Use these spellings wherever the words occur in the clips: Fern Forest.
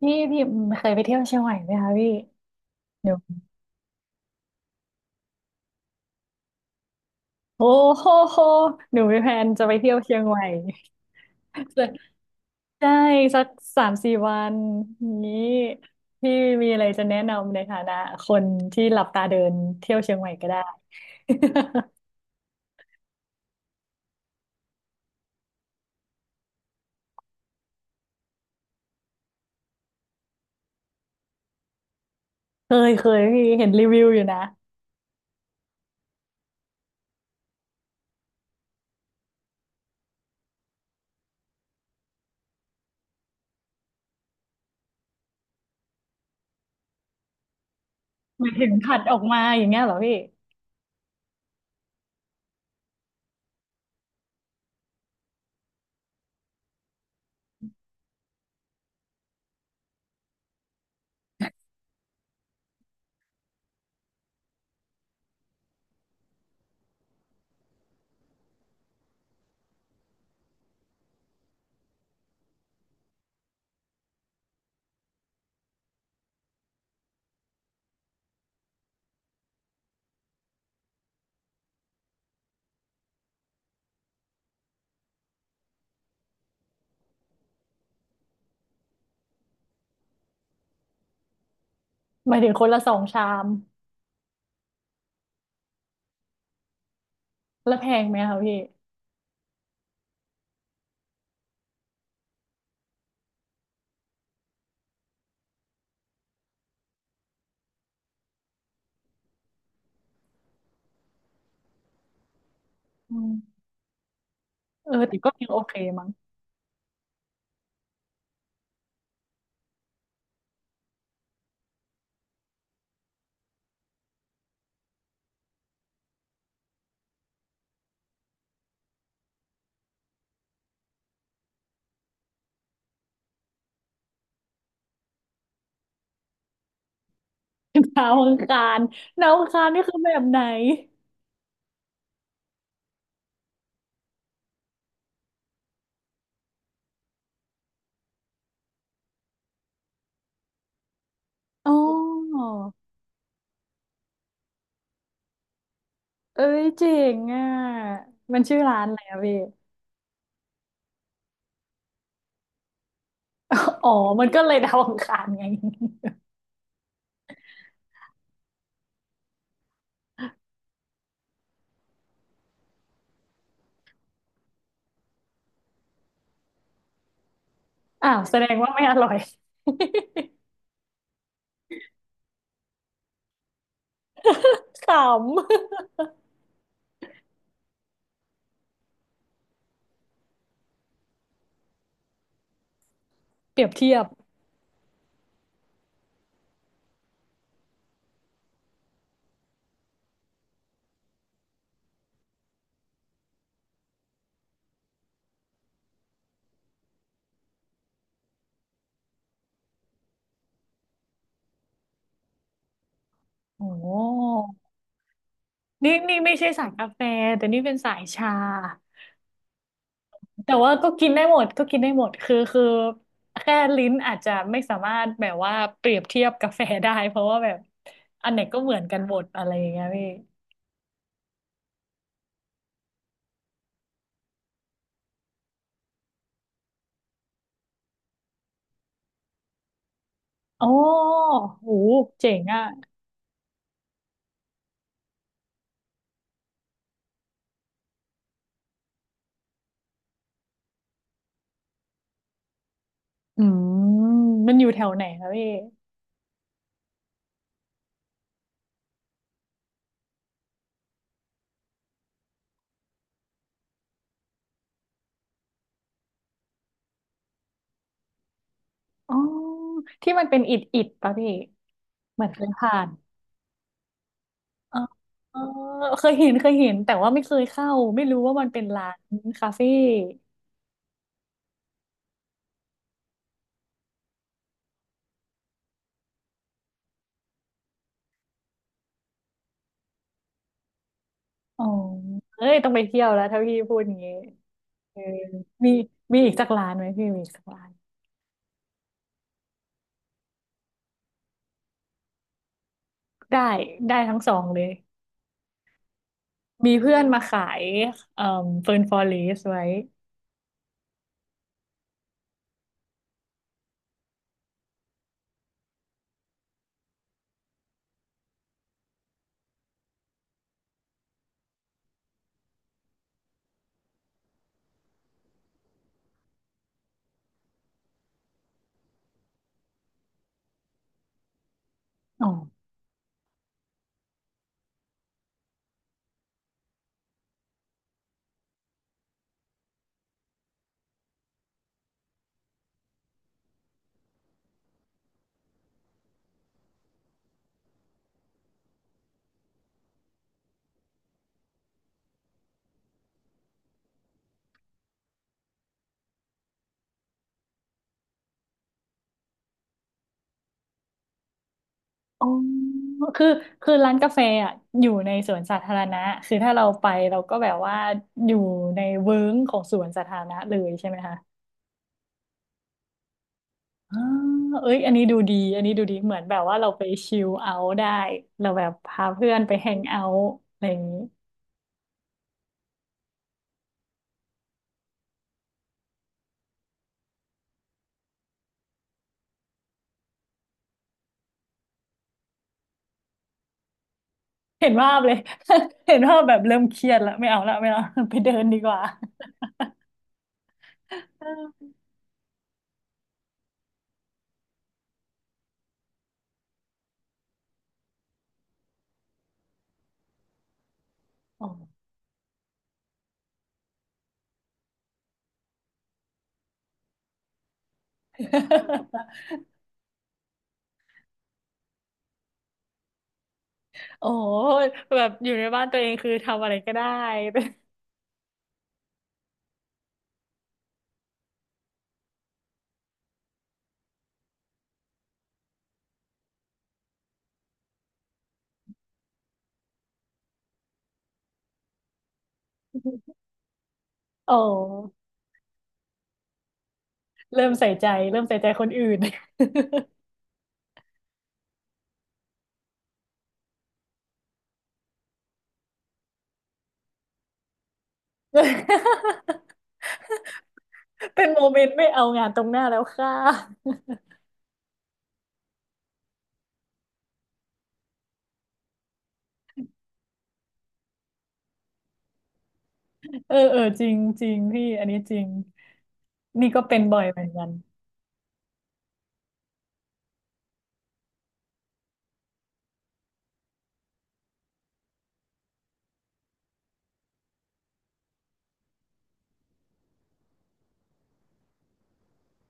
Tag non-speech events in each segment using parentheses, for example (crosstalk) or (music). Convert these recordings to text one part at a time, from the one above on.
พี่เคยไปเที่ยวเชียงใหม่ไหมคะพี่หนูโอ้โหหนูมีแพลนจะไปเที่ยวเชียงใหม่ (laughs) ใช่สักสามสี่วันนี้พี่มีอะไรจะแนะนำในฐานะคนที่หลับตาเดินเที่ยวเชียงใหม่ก็ได้ (laughs) เคยเคยพี่เห็นรีวิวอยู่นะหมายถึงผัดออกมาอย่างเงี้ยเหรอพี่หมายถึงคนละสองชามแล้วแพงไหมคะพี่อืมเออแต่ก็ยังโอเคมั้ง (laughs) ดาวอังคารดาวอังคารนี่คือแบบไหน อ๋อเอ้ยเจ๋งอ่ะมันชื่อร้านอะไรอะพี่ (laughs) อ๋อมันก็เลยดาวอังคารไง (laughs) อ้าวแสดงว่าไม่อร่อย (laughs) ขำเปรียบเทียบโอ้นี่นี่ไม่ใช่สายกาแฟแต่นี่เป็นสายชาแต่ว่าก็กินได้หมดก็กินได้หมดคือแค่ลิ้นอาจจะไม่สามารถแบบว่าเปรียบเทียบกาแฟได้เพราะว่าแบบอันไหนก็เหมือนกันหมดอะไรอย่างเงี้ยพี่โอ้โหเจ๋งอ่ะ อืมมันอยู่แถวไหนคะพี่อ๋อที่มันเป็นอิฐอิฐปะพี่เหมือนเคยผ่านอ๋อเออเคยเห็นเคยเห็นแต่ว่าไม่เคยเข้าไม่รู้ว่ามันเป็นร้านคาเฟ่อ๋อเอ้ยต้องไปเที่ยวแล้วถ้าพี่พูดอย่างงี้เออมีมีอีกสักร้านไหมพี่มีอีกสักร้านได้ได้ทั้งสองเลยมีเพื่อนมาขายเอ่อเฟิร์นฟอเรสไว้อ๋อ อ๋อคือคือร้านกาแฟอ่ะอยู่ในสวนสาธารณะคือถ้าเราไปเราก็แบบว่าอยู่ในเวิ้งของสวนสาธารณะเลยใช่ไหมคะอ่าเอ้ยอันนี้ดูดีอันนี้ดูดีเหมือนแบบว่าเราไปชิลเอาท์ได้ เราแบบพาเพื่อนไปแฮงเอาท์อะไรอย่างนี้เห็นภาพเลย (laughs) เห็นภาพแบบเริ่มเครียดแล้วไม่เอาละไม่เอา (laughs) ไปเดินดีกว่าเอออ๋อ (laughs) โอ้โหแบบอยู่ในบ้านตัวเองคือทำอะไรก็ได้ (laughs) โอ้ เริ่มใส่ใจเริ่มใส่ใจคนอื่น (laughs) เป็นโมเมนต์ไม่เอางานตรงหน้าแล้วค่ะ (laughs) เออเออจริงจริงพี่ อันนี้จริง นี่ก็เป็นบ่อยเหมือนกัน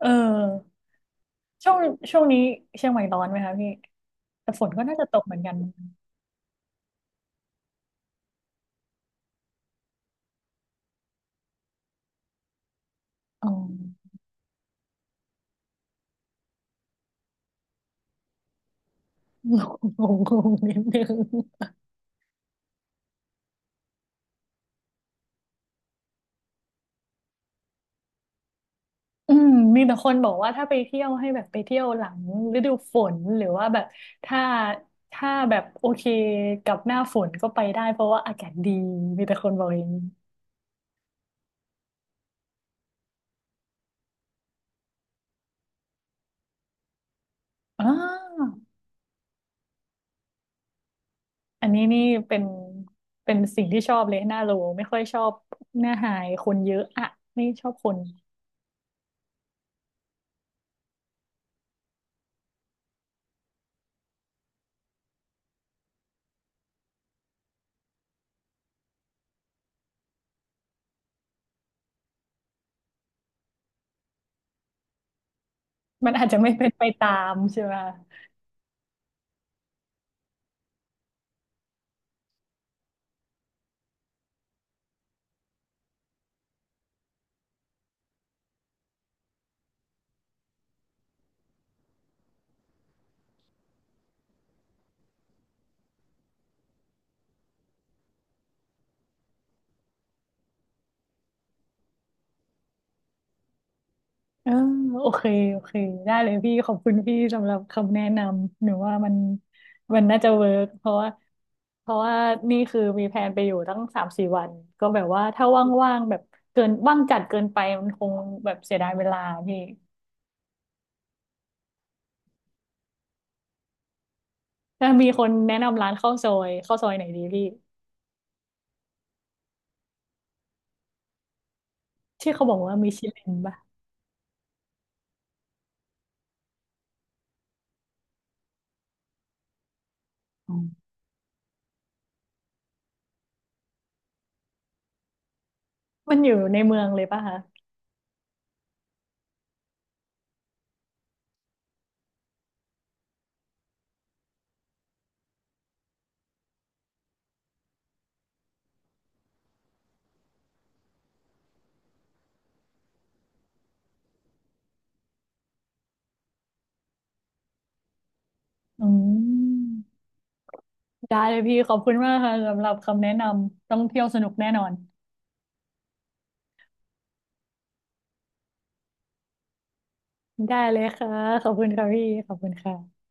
เออช่วงช่วงนี้เชียงใหม่ร้อนไหมคะพี่ แต่ฝนก็น่าจะตกเหมือนกันอ๋อ (laughs) งงงงนิดนึง อืมมีแต่คนบอกว่าถ้าไปเที่ยวให้แบบไปเที่ยวหลังฤดูฝนหรือว่าแบบถ้าถ้าแบบโอเคกับหน้าฝนก็ไปได้เพราะว่าอากาศดีมีแต่คนบอกอย่างนี้อ่าอันนี้นี่เป็นเป็นสิ่งที่ชอบเลยหน้าโลไม่ค่อยชอบหน้าหายคนเยอะอะไม่ชอบคนมันอาจจะไม่เป็นไปตามใช่ไหม เออโอเคโอเคได้เลยพี่ขอบคุณพี่สำหรับคำแนะนำหนูว่ามันมันน่าจะเวิร์กเพราะว่านี่คือมีแผนไปอยู่ตั้งสามสี่วันก็แบบว่าถ้าว่างๆแบบเกินว่างจัดเกินไปมันคงแบบเสียดายเวลาพี่ถ้ามีคนแนะนำร้านข้าวซอยข้าวซอยไหนดีพี่ที่เขาบอกว่ามีชิลินป่ะอ๋อมันอยู่ในเมืองเลยป่ะคะอืมได้เลยพี่ขอบคุณมากค่ะสำหรับคำแนะนำต้องเที่ยวสนุกแน่นอน ได้เลยค่ะขอบคุณค่ะพี่ขอบคุณค่ะ